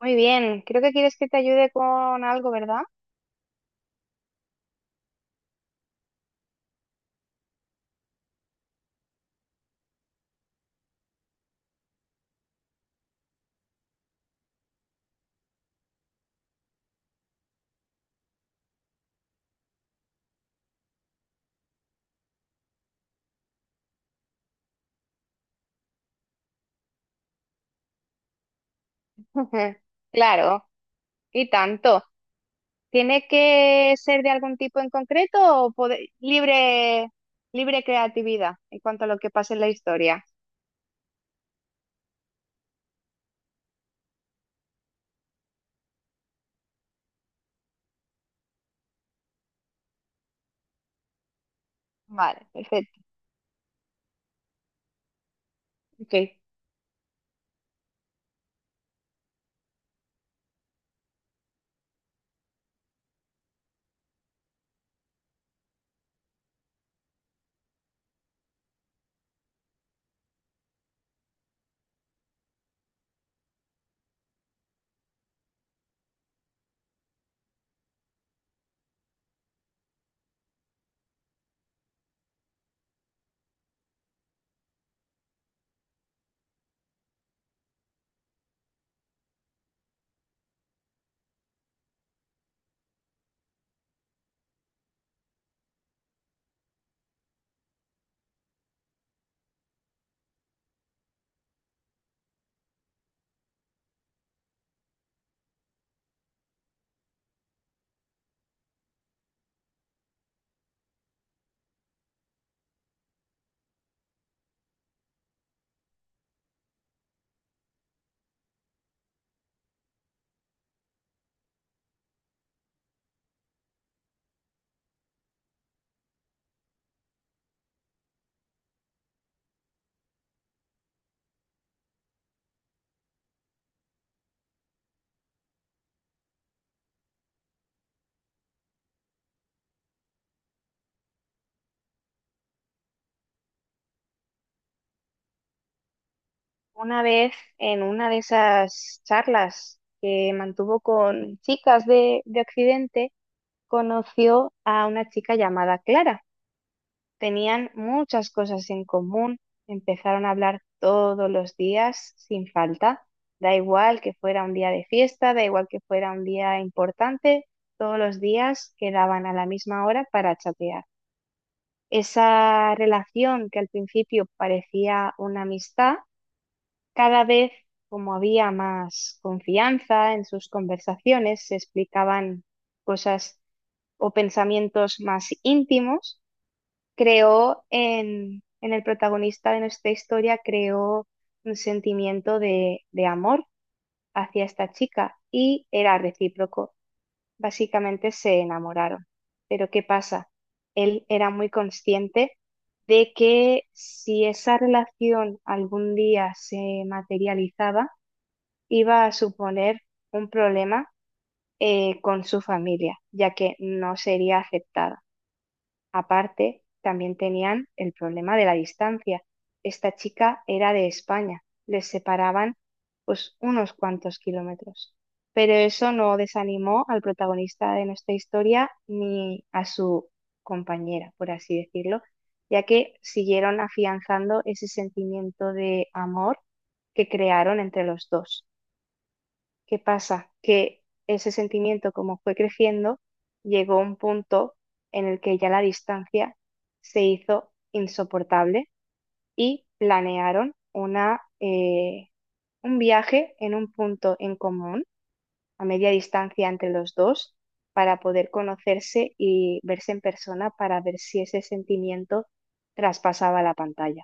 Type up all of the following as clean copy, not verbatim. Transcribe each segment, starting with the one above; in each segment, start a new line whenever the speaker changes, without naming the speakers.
Muy bien, creo que quieres que te ayude con algo, ¿verdad? Claro, y tanto. ¿Tiene que ser de algún tipo en concreto o libre, libre creatividad en cuanto a lo que pasa en la historia? Vale, perfecto. Ok. Una vez en una de esas charlas que mantuvo con chicas de Occidente, conoció a una chica llamada Clara. Tenían muchas cosas en común, empezaron a hablar todos los días sin falta. Da igual que fuera un día de fiesta, da igual que fuera un día importante, todos los días quedaban a la misma hora para chatear. Esa relación que al principio parecía una amistad, cada vez como había más confianza en sus conversaciones, se explicaban cosas o pensamientos más íntimos creó en el protagonista de nuestra historia, creó un sentimiento de amor hacia esta chica y era recíproco. Básicamente se enamoraron. Pero ¿qué pasa? Él era muy consciente de que si esa relación algún día se materializaba, iba a suponer un problema con su familia, ya que no sería aceptada. Aparte, también tenían el problema de la distancia. Esta chica era de España, les separaban pues unos cuantos kilómetros. Pero eso no desanimó al protagonista de nuestra historia ni a su compañera, por así decirlo, ya que siguieron afianzando ese sentimiento de amor que crearon entre los dos. ¿Qué pasa? Que ese sentimiento, como fue creciendo, llegó a un punto en el que ya la distancia se hizo insoportable y planearon un viaje en un punto en común, a media distancia entre los dos, para poder conocerse y verse en persona para ver si ese sentimiento traspasaba la pantalla.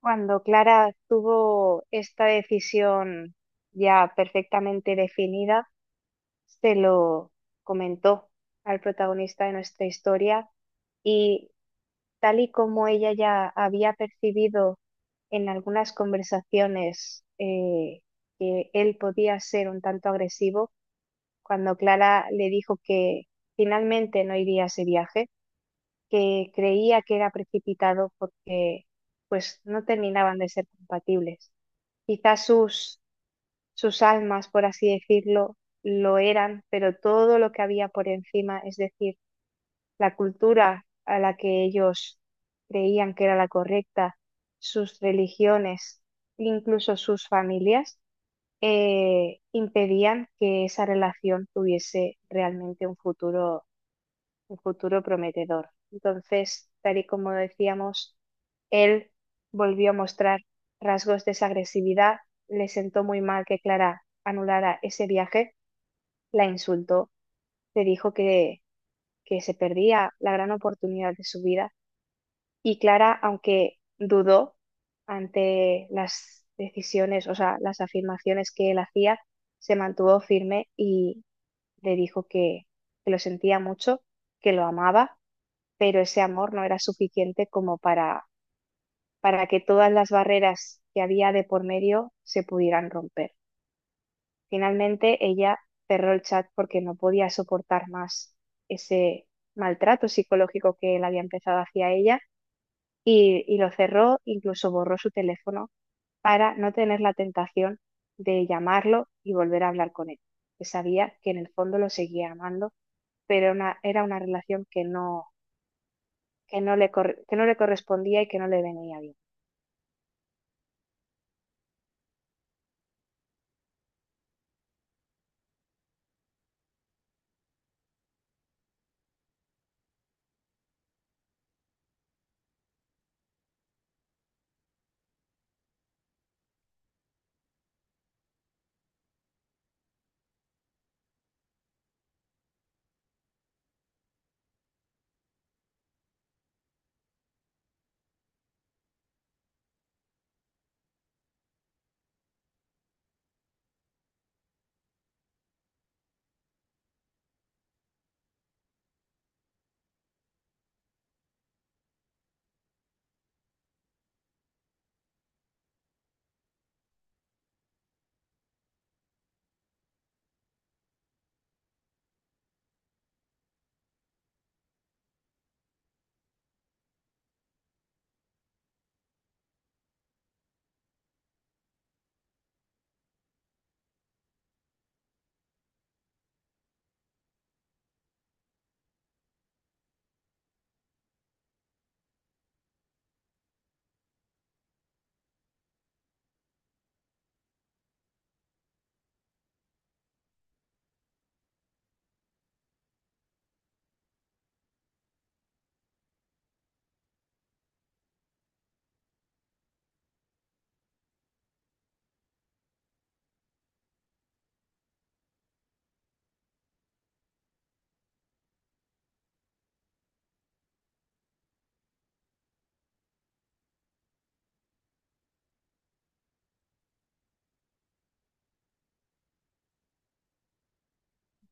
Cuando Clara tuvo esta decisión ya perfectamente definida, se lo comentó al protagonista de nuestra historia y tal y como ella ya había percibido en algunas conversaciones que él podía ser un tanto agresivo, cuando Clara le dijo que finalmente no iría a ese viaje, que creía que era precipitado porque pues no terminaban de ser compatibles. Quizás sus almas, por así decirlo, lo eran, pero todo lo que había por encima, es decir, la cultura a la que ellos creían que era la correcta, sus religiones, incluso sus familias, impedían que esa relación tuviese realmente un futuro prometedor. Entonces, tal y como decíamos, él volvió a mostrar rasgos de esa agresividad, le sentó muy mal que Clara anulara ese viaje, la insultó, le dijo que se perdía la gran oportunidad de su vida y Clara, aunque dudó ante las decisiones, o sea, las afirmaciones que él hacía, se mantuvo firme y le dijo que lo sentía mucho, que lo amaba pero ese amor no era suficiente como para que todas las barreras que había de por medio se pudieran romper. Finalmente ella cerró el chat porque no podía soportar más ese maltrato psicológico que él había empezado hacia ella y lo cerró, incluso borró su teléfono para no tener la tentación de llamarlo y volver a hablar con él, que sabía que en el fondo lo seguía amando, pero era una relación que que no le correspondía y que no le venía bien.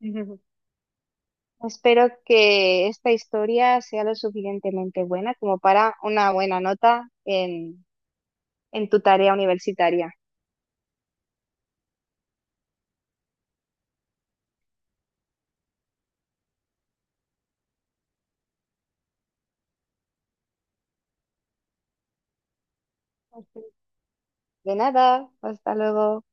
Ujú. Espero que esta historia sea lo suficientemente buena como para una buena nota en tu tarea universitaria. Ok. De nada, hasta luego.